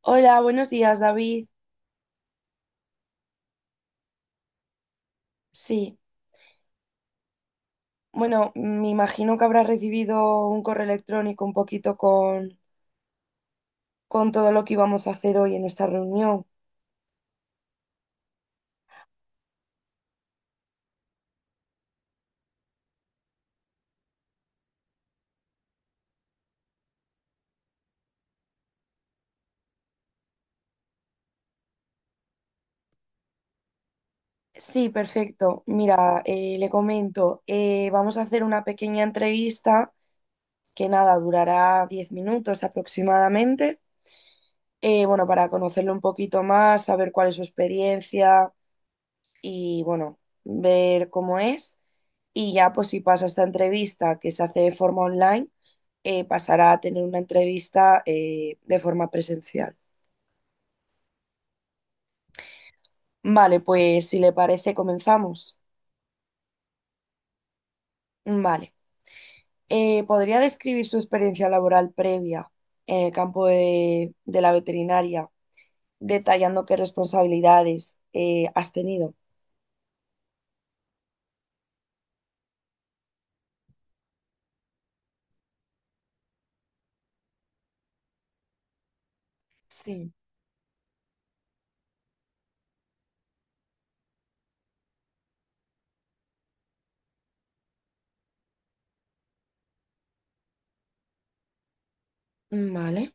Hola, buenos días, David. Sí, bueno, me imagino que habrás recibido un correo electrónico un poquito con todo lo que íbamos a hacer hoy en esta reunión. Sí, perfecto. Mira, le comento, vamos a hacer una pequeña entrevista que nada, durará 10 minutos aproximadamente. Bueno, para conocerlo un poquito más, saber cuál es su experiencia y bueno, ver cómo es. Y ya, pues si pasa esta entrevista que se hace de forma online, pasará a tener una entrevista de forma presencial. Vale, pues si le parece, comenzamos. Vale. ¿Podría describir su experiencia laboral previa en el campo de la veterinaria, detallando qué responsabilidades has tenido? Sí. Vale.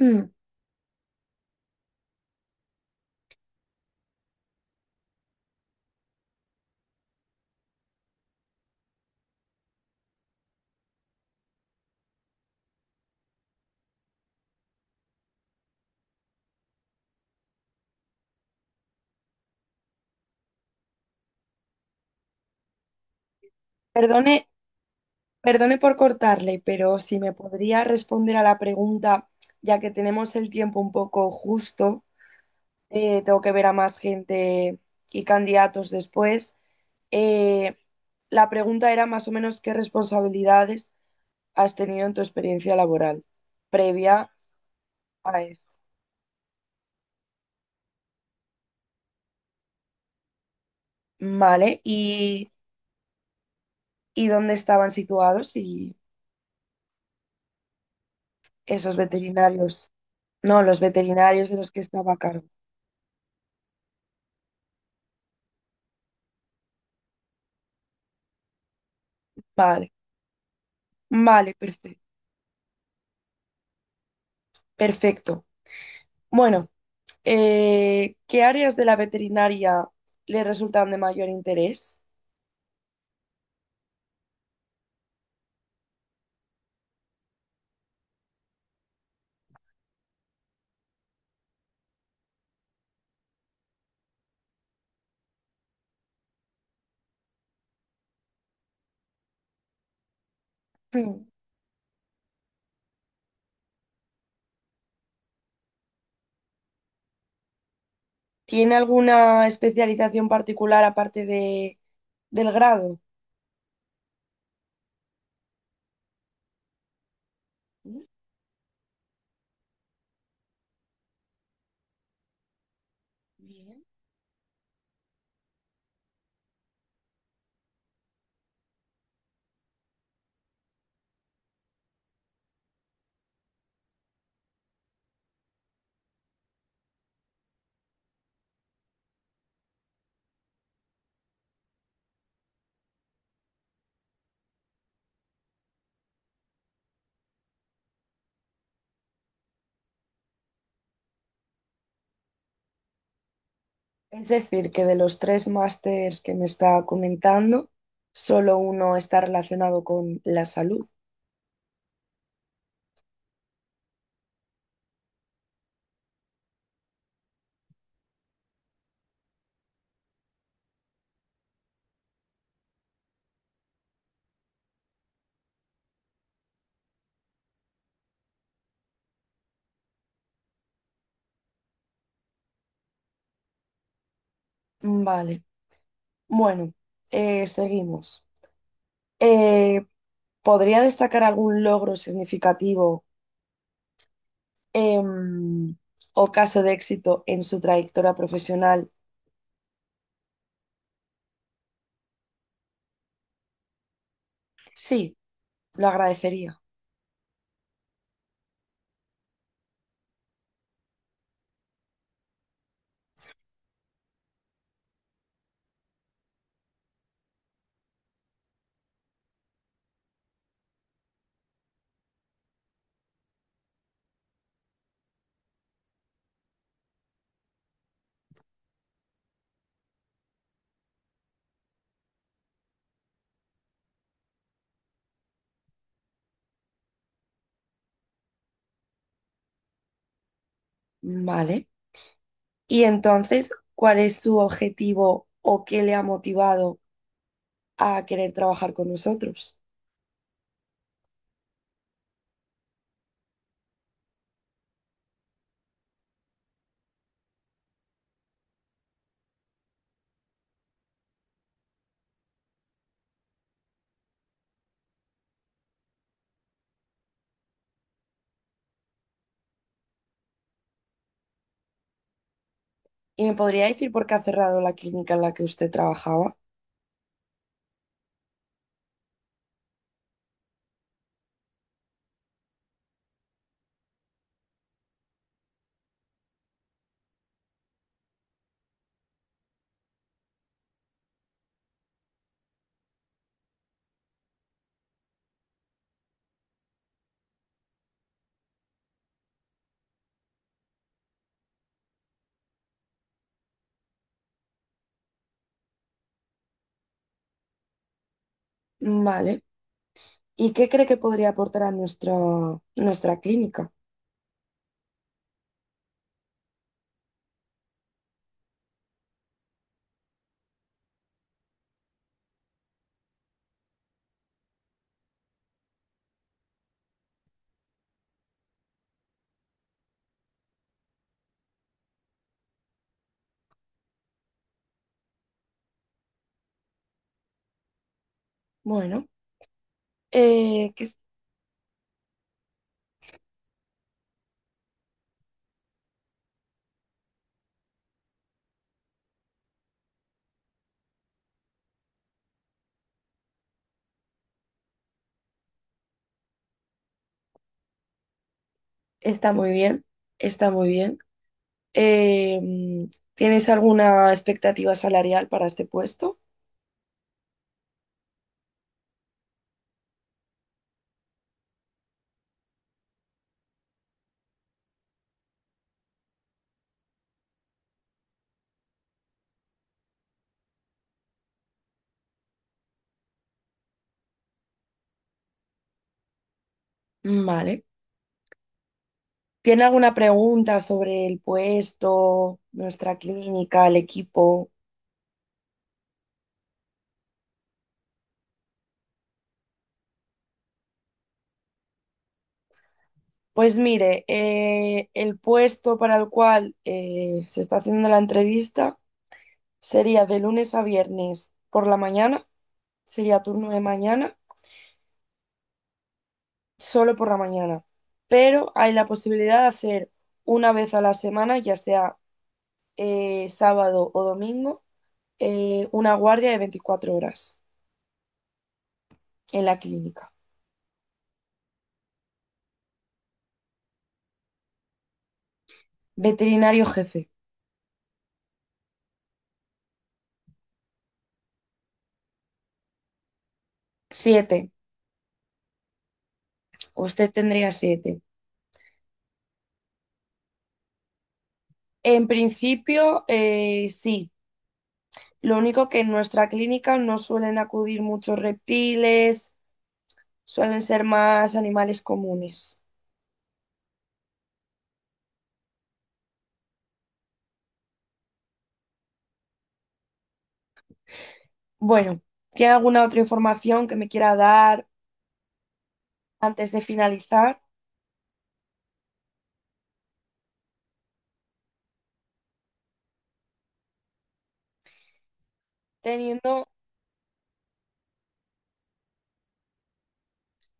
Mm. Perdone. Perdone por cortarle, pero si me podría responder a la pregunta, ya que tenemos el tiempo un poco justo, tengo que ver a más gente y candidatos después. Eh, la pregunta era más o menos qué responsabilidades has tenido en tu experiencia laboral previa a esto. Vale, y dónde estaban situados y esos veterinarios, no, los veterinarios de los que estaba a cargo. Vale, vale, perfecto, perfecto. Bueno. ¿Qué áreas de la veterinaria le resultan de mayor interés? Hmm. ¿Tiene alguna especialización particular aparte del grado? Mm. Bien. Es decir, que de los tres másters que me está comentando, solo uno está relacionado con la salud. Vale, bueno, seguimos. Eh, ¿Podría destacar algún logro significativo em, o caso de éxito en su trayectoria profesional? Sí, lo agradecería. Vale. Y entonces, ¿cuál es su objetivo o qué le ha motivado a querer trabajar con nosotros? ¿Y me podría decir por qué ha cerrado la clínica en la que usted trabajaba? Vale. ¿Y qué cree que podría aportar a nuestra clínica? Bueno, eh, que es- está muy bien, está muy bien. Eh, ¿Tienes alguna expectativa salarial para este puesto? Mm. Vale. ¿Tiene alguna pregunta sobre el puesto, nuestra clínica, el equipo? Pues mire, el puesto para el cual se está haciendo la entrevista sería de lunes a viernes por la mañana, sería turno de mañana, solo por la mañana, pero hay la posibilidad de hacer una vez a la semana, ya sea sábado o domingo, una guardia de 24 horas en la clínica. Veterinario jefe, 7. Usted tendría 7. En principio, sí. Lo único que en nuestra clínica no suelen acudir muchos reptiles, suelen ser más animales comunes. Bueno, ¿tiene alguna otra información que me quiera dar antes de finalizar? Teniendo,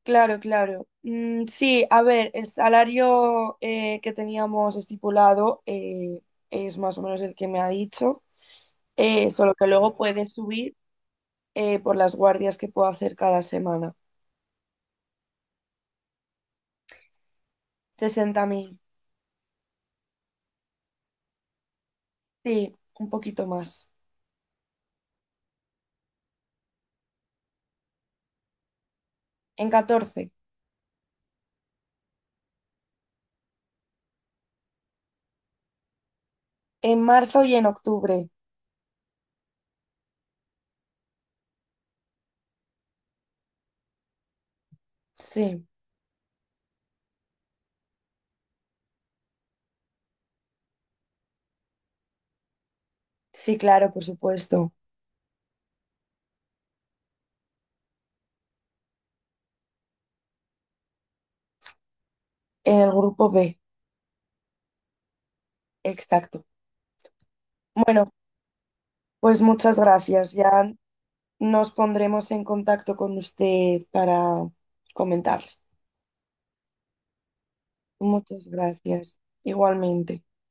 claro, claro. Mm, sí, a ver, el salario que teníamos estipulado es más o menos el que me ha dicho, solo que luego puede subir por las guardias que puedo hacer cada semana. 60.000. Sí, un poquito más. En 14. En marzo y en octubre. Sí, sí, claro, por supuesto. En el grupo B, exacto. Bueno, pues muchas gracias. Ya nos pondremos en contacto con usted para comentarle. Muchas gracias. Igualmente.